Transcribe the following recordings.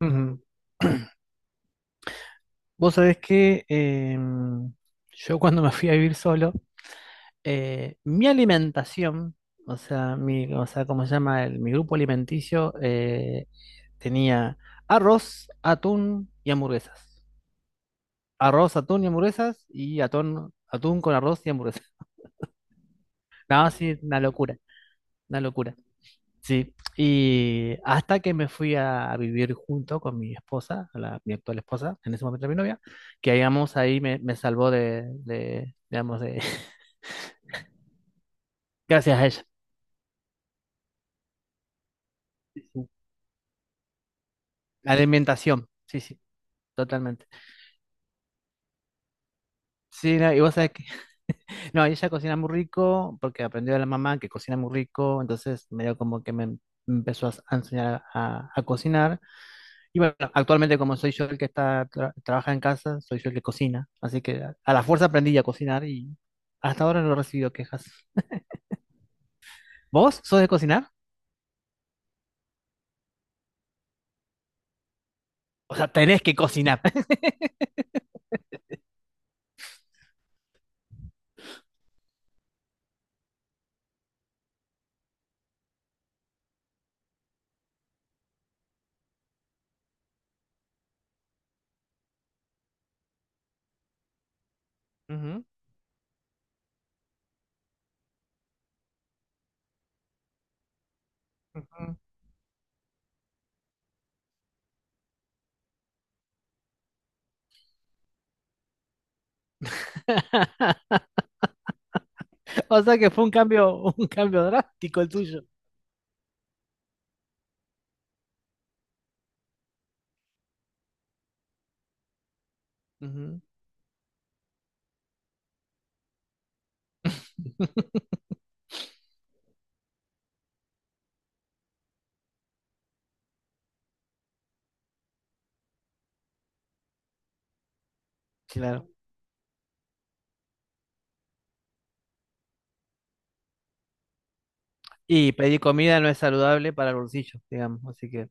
Ujú. Vos sabés que yo cuando me fui a vivir solo, mi alimentación, o sea, como se llama mi grupo alimenticio, tenía arroz, atún y hamburguesas. Arroz, atún y hamburguesas y atún, atún con arroz y hamburguesas. No, sí, una locura, una locura. Sí, y hasta que me fui a vivir junto con mi esposa, mi actual esposa, en ese momento mi novia, que digamos ahí me salvó digamos, de, gracias a ella. La alimentación, sí, sí, totalmente. Sí, no, y vos sabés que, no, ella cocina muy rico porque aprendió de la mamá que cocina muy rico, entonces medio como que me empezó a enseñar a cocinar. Y bueno, actualmente como soy yo el que trabaja en casa, soy yo el que cocina, así que a la fuerza aprendí a cocinar y hasta ahora no he recibido quejas. ¿Vos sos de cocinar? O sea, tenés que cocinar. Ujú, ujú. O sea que fue un cambio drástico el tuyo. Ujú. Claro. Y pedir comida no es saludable para el bolsillo, digamos, así que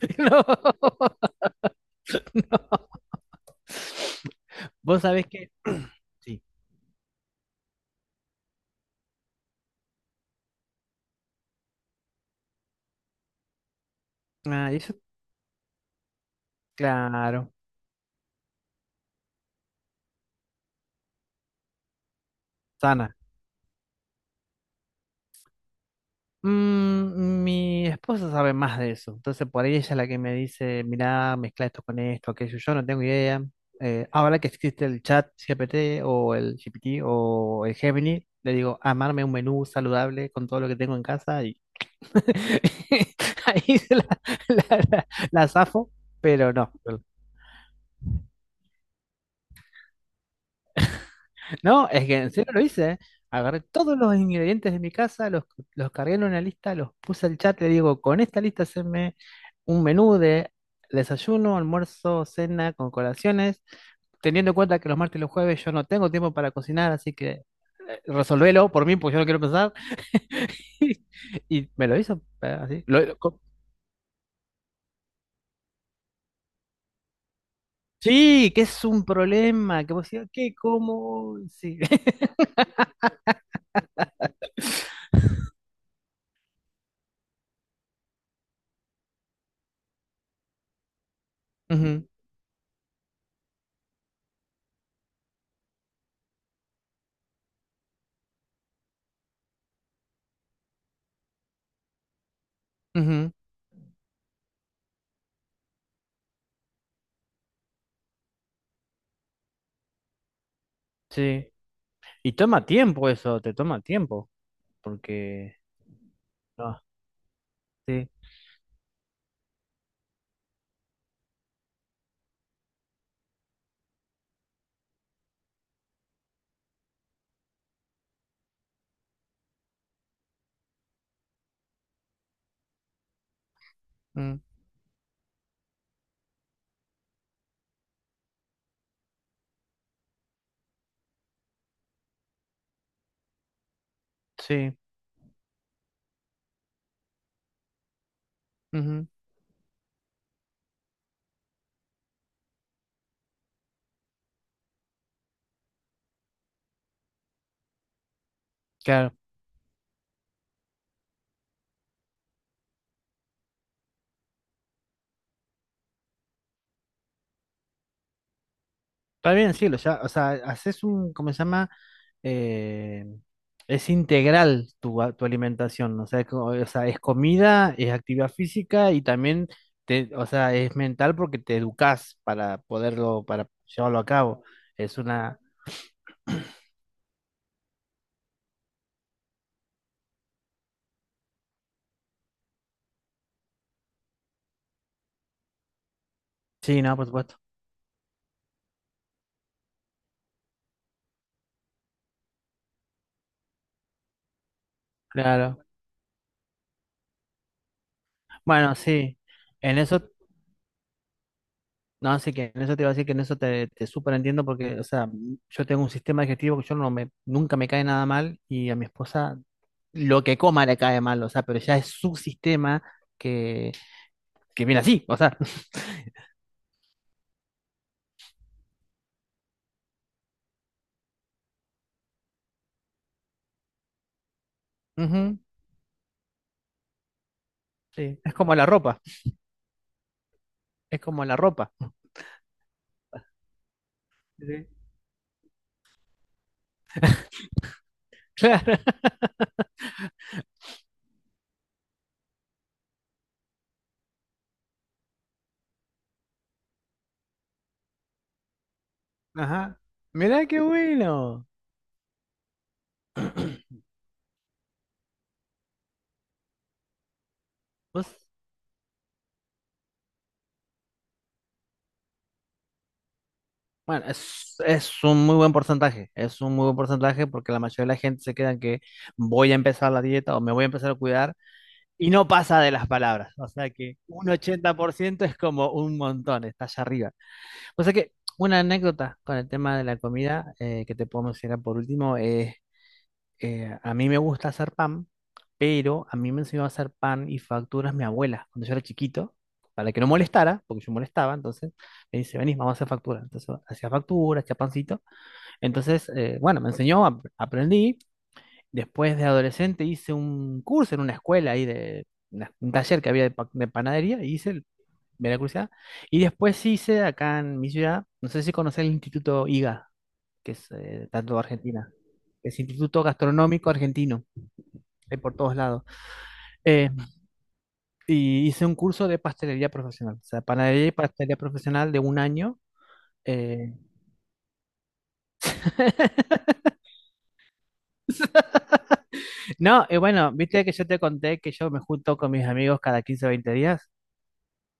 no. Vos sabés que sí. Ah, y eso, claro, sana. Mm, mi esposa sabe más de eso, entonces por ahí ella es la que me dice, mirá, mezcla esto con esto, aquello, yo no tengo idea. Ahora que existe el chat GPT o el GPT o el Gemini, le digo, amarme un menú saludable con todo lo que tengo en casa y ahí se la, la zafo, pero no. No, es que en serio lo hice, ¿eh? Agarré todos los ingredientes de mi casa, los cargué en una lista, los puse al chat, le digo, con esta lista haceme un menú de desayuno, almuerzo, cena, con colaciones, teniendo en cuenta que los martes y los jueves yo no tengo tiempo para cocinar, así que resolvelo por mí, porque yo no quiero pensar. Y me lo hizo así. Sí, que es un problema, que vos decís, ¿qué? ¿Cómo? Sí. Ujú, ujú, sí. Y toma tiempo eso, te toma tiempo. Porque... No, sí, mm, sí, ujú, claro. Está bien, sí, lo ya, o sea, haces un, ¿cómo se llama? Eh, es integral tu alimentación, o sea, o sea, es comida, es actividad física y también, te, o sea, es mental porque te educas para poderlo, para llevarlo a cabo. Es una... Sí, no, por supuesto. Claro. Bueno, sí, en eso... No, así que en eso te iba a decir que en eso te súper entiendo porque, o sea, mm, yo tengo un sistema digestivo que yo no me, nunca me cae nada mal y a mi esposa lo que coma le cae mal, o sea, pero ya es su sistema que, que viene así, o sea, ujú, sí, es como la ropa, es como la ropa. Sí. Claro. Ajá. Mirá qué bueno. Vos... Bueno, es un muy buen porcentaje. Es un muy buen porcentaje porque la mayoría de la gente se queda en que voy a empezar la dieta o me voy a empezar a cuidar. Y no pasa de las palabras, o sea que un 80% es como un montón, está allá arriba. O sea que una anécdota con el tema de la comida que te puedo mencionar por último es, a mí me gusta hacer pan, pero a mí me enseñó a hacer pan y facturas mi abuela cuando yo era chiquito, para que no molestara, porque yo molestaba, entonces me dice, venís, vamos a hacer factura. Entonces hacía factura, hacía pancito. Entonces, bueno, me enseñó, aprendí. Después de adolescente hice un curso en una escuela ahí de un taller que había de, de panadería y hice el, me... Y después hice acá en mi ciudad, no sé si conocés el Instituto IGA, que es tanto de Argentina, que es Instituto Gastronómico Argentino, hay por todos lados. Eh, y hice un curso de pastelería profesional, o sea, panadería y pastelería profesional de un año. Eh, no, y bueno, viste que yo te conté que yo me junto con mis amigos cada 15 o 20 días.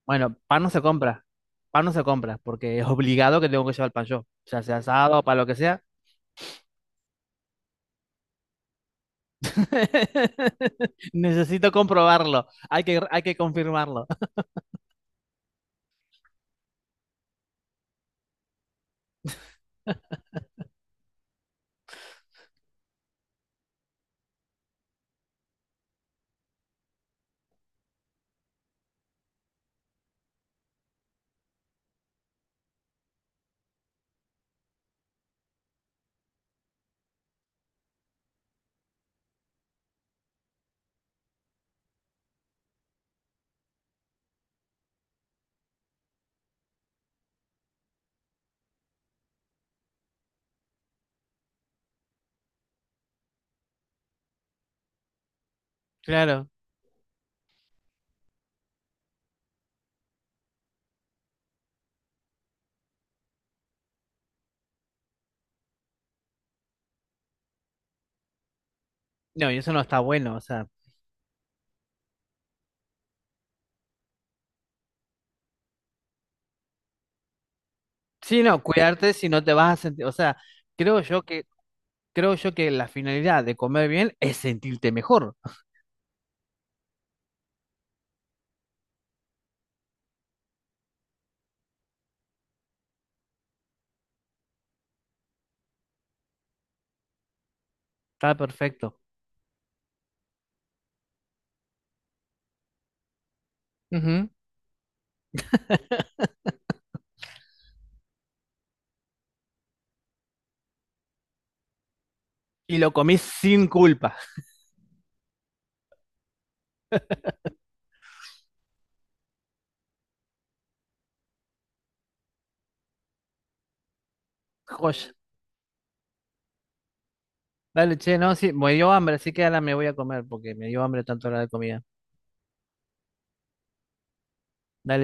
Bueno, pan no se compra. Pan no se compra porque es obligado que tengo que llevar pan yo. O sea, sea asado, para lo que sea. Necesito comprobarlo. Hay que confirmarlo. Claro. No, y eso no está bueno. O sea, sí, no, cuidarte si no te vas a sentir. O sea, creo yo que, creo yo que la finalidad de comer bien es sentirte mejor. Está perfecto. Ujú. Y lo comí sin culpa. Joya. Dale, che, no, sí, me dio hambre, así que ahora me voy a comer porque me dio hambre tanto la de comida. Dale.